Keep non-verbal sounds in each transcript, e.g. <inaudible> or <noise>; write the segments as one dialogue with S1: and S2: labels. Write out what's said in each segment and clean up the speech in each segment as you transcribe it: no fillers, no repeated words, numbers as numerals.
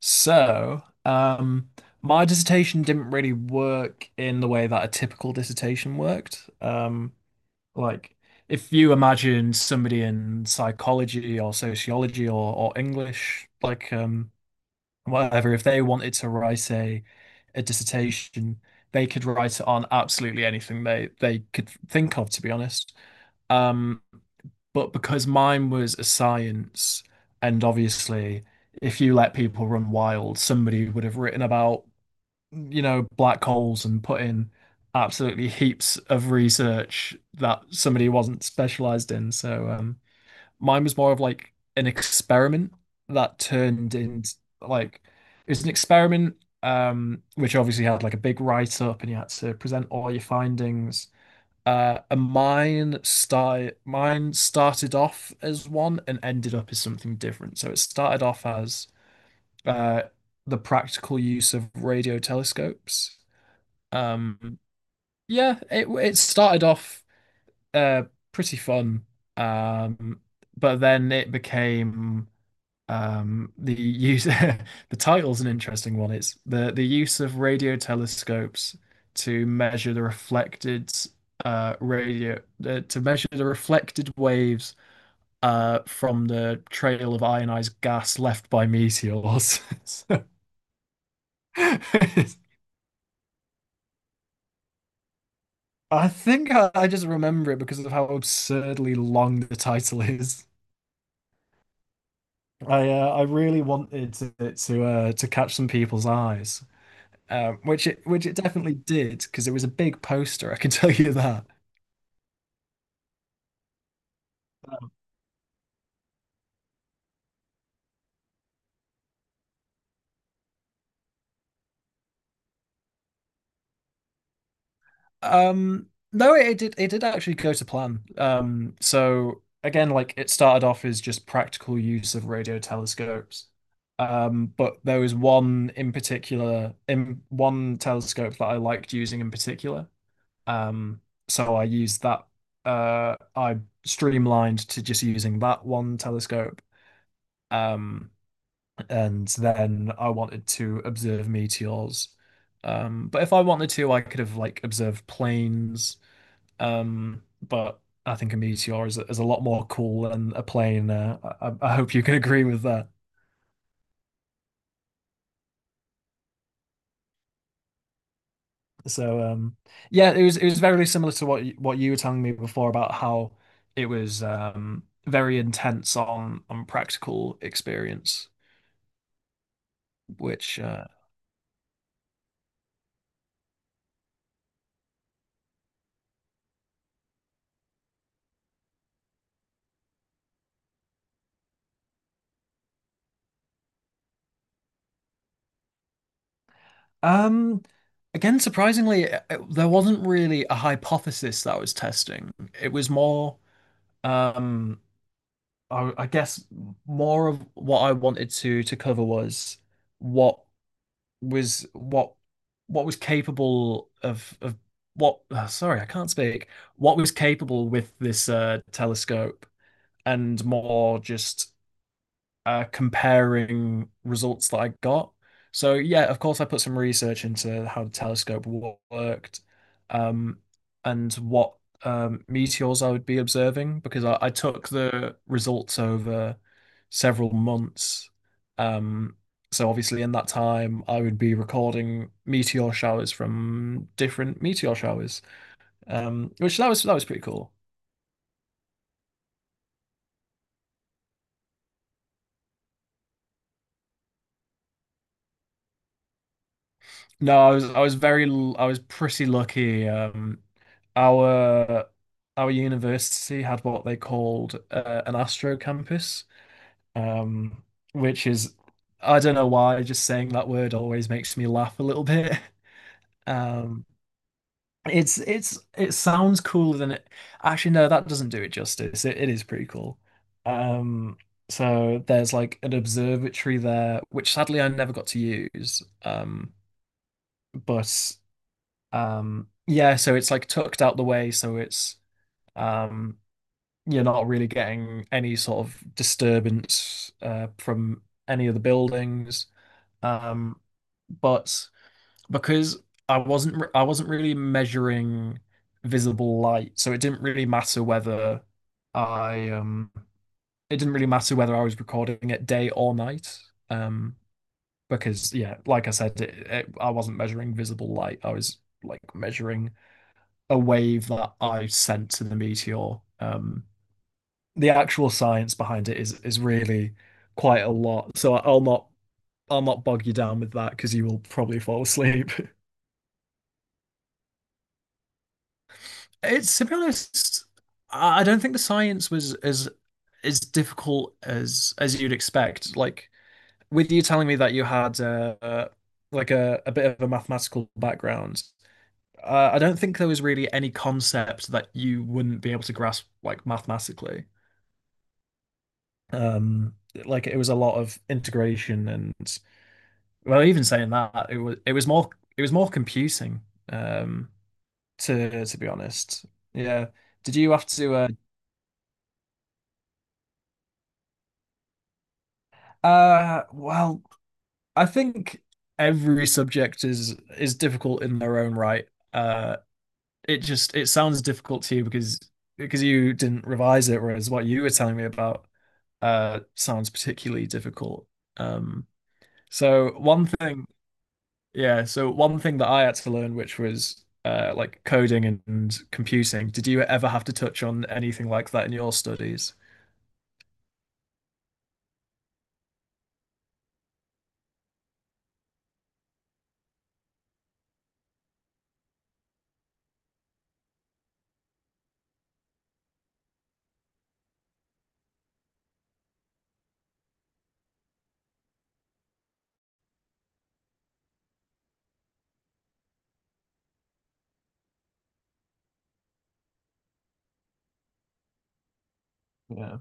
S1: So, my dissertation didn't really work in the way that a typical dissertation worked. Like, if you imagine somebody in psychology or sociology or English, like, whatever, if they wanted to write a dissertation, they could write it on absolutely anything they could think of, to be honest. Um, but because mine was a science, and obviously, if you let people run wild, somebody would have written about black holes and put in absolutely heaps of research that somebody wasn't specialized in. So, mine was more of like an experiment that turned into, like, it was an experiment, which obviously had like a big write up and you had to present all your findings. And mine started off as one and ended up as something different. So it started off as uh, the practical use of radio telescopes. Um, yeah, it started off, uh, pretty fun, um, but then it became the use <laughs> the title's an interesting one. It's the use of radio telescopes to measure the reflected uh radio to measure the reflected waves from the trail of ionized gas left by meteors. <laughs> So, <laughs> I think I just remember it because of how absurdly long the title is. I really wanted it to catch some people's eyes. Which it definitely did because it was a big poster. I can <laughs> tell you that. Um, no, it did actually go to plan. So again, like, it started off as just practical use of radio telescopes. But there was one in particular, in one telescope that I liked using in particular. Um, so I used that. I streamlined to just using that one telescope. Um, and then I wanted to observe meteors. But if I wanted to, I could have, like, observed planes. But I think a meteor is a lot more cool than a plane. I hope you can <laughs> agree with that. So, yeah, it was very similar to what you were telling me before about how it was, very intense on practical experience, which Um, again, surprisingly, there wasn't really a hypothesis that I was testing. It was more, um, I guess more of what I wanted to cover was what was what what was capable of what. Sorry, I can't speak. What was capable with this, telescope, and more just comparing results that I got. So yeah, of course, I put some research into how the telescope worked, um, and what meteors I would be observing because I took the results over several months. Um, so obviously, in that time, I would be recording meteor showers from different meteor showers, which that was pretty cool. No, I was pretty lucky. Our our university had what they called, an Astro campus, um, which is — I don't know why just saying that word always makes me laugh a little bit. <laughs> Um, it's it sounds cooler than it — actually no, that doesn't do it justice. It is pretty cool. Um, so there's like an observatory there, which sadly I never got to use. But. Yeah, so it's like tucked out the way, so it's um, you're not really getting any sort of disturbance from any of the buildings. Um, but because I wasn't really measuring visible light, so I um it didn't really matter whether I was recording it day or night. Um, because yeah, like I said, I wasn't measuring visible light. I was, like, measuring a wave that I sent to the meteor. The actual science behind it is really quite a lot. So I'll not bog you down with that because you will probably fall asleep. <laughs> It's To be honest, I don't think the science was as difficult as you'd expect. Like, with you telling me that you had like, a bit of a mathematical background, I don't think there was really any concept that you wouldn't be able to grasp, like, mathematically. Um, like, it was a lot of integration and — well, even saying that, it was more computing, um, to be honest. Yeah. Did you have to Well, I think every subject is difficult in their own right. Uh it sounds difficult to you because you didn't revise it, whereas what you were telling me about sounds particularly difficult. Um so one thing Yeah, so one thing that I had to learn, which was, like, coding and computing, did you ever have to touch on anything like that in your studies? Yeah.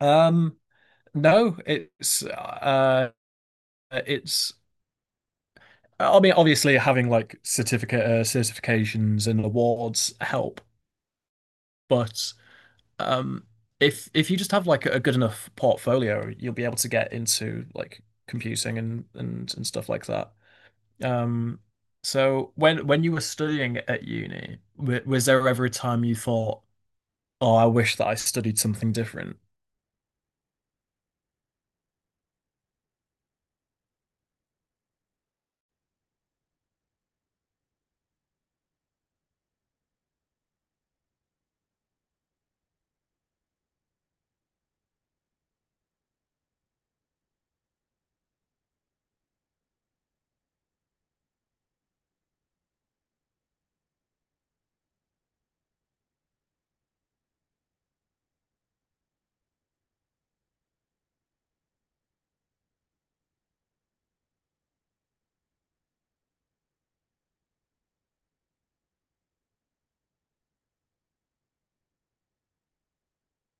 S1: Um, no, it's I mean, obviously, having like certificate certifications and awards help, but um, if you just have like a good enough portfolio, you'll be able to get into like computing and stuff like that. Um, so when you were studying at uni, w was there ever a time you thought, "Oh, I wish that I studied something different"?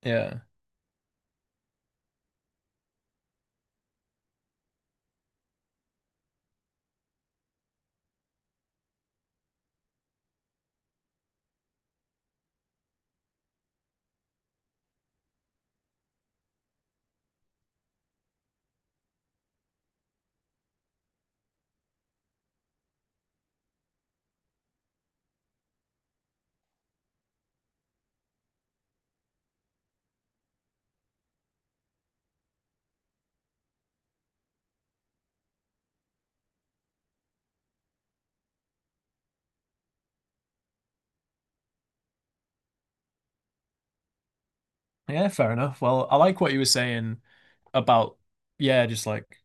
S1: Yeah, yeah, fair enough. Well, I like what you were saying about, yeah, just like,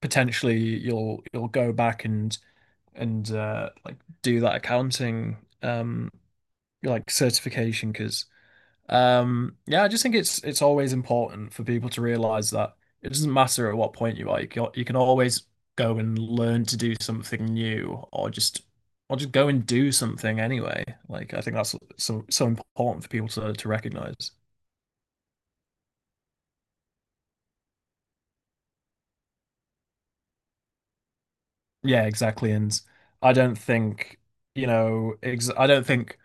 S1: potentially you'll go back and like, do that accounting, um like, certification, because yeah, I just think it's always important for people to realize that it doesn't matter at what point you are. You can, you can always go and learn to do something new, or just — or just go and do something anyway, like, I think that's so important for people to recognize. Yeah, exactly. And I don't think, you know, ex I don't think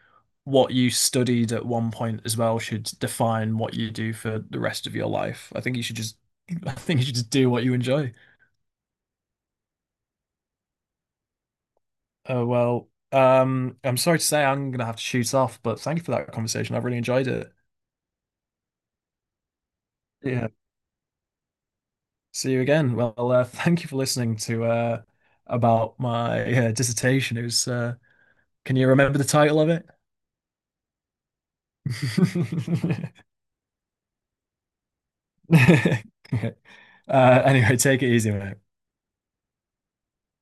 S1: what you studied at one point as well should define what you do for the rest of your life. I think you should just, <laughs> I think you should just do what you enjoy. Oh, well, I'm sorry to say I'm gonna have to shoot off, but thank you for that conversation. I've really enjoyed it. Yeah. See you again. Well, <laughs> thank you for listening to about my, dissertation. It was, can you remember the title of it? <laughs> <laughs> uh, anyway, take it easy, mate.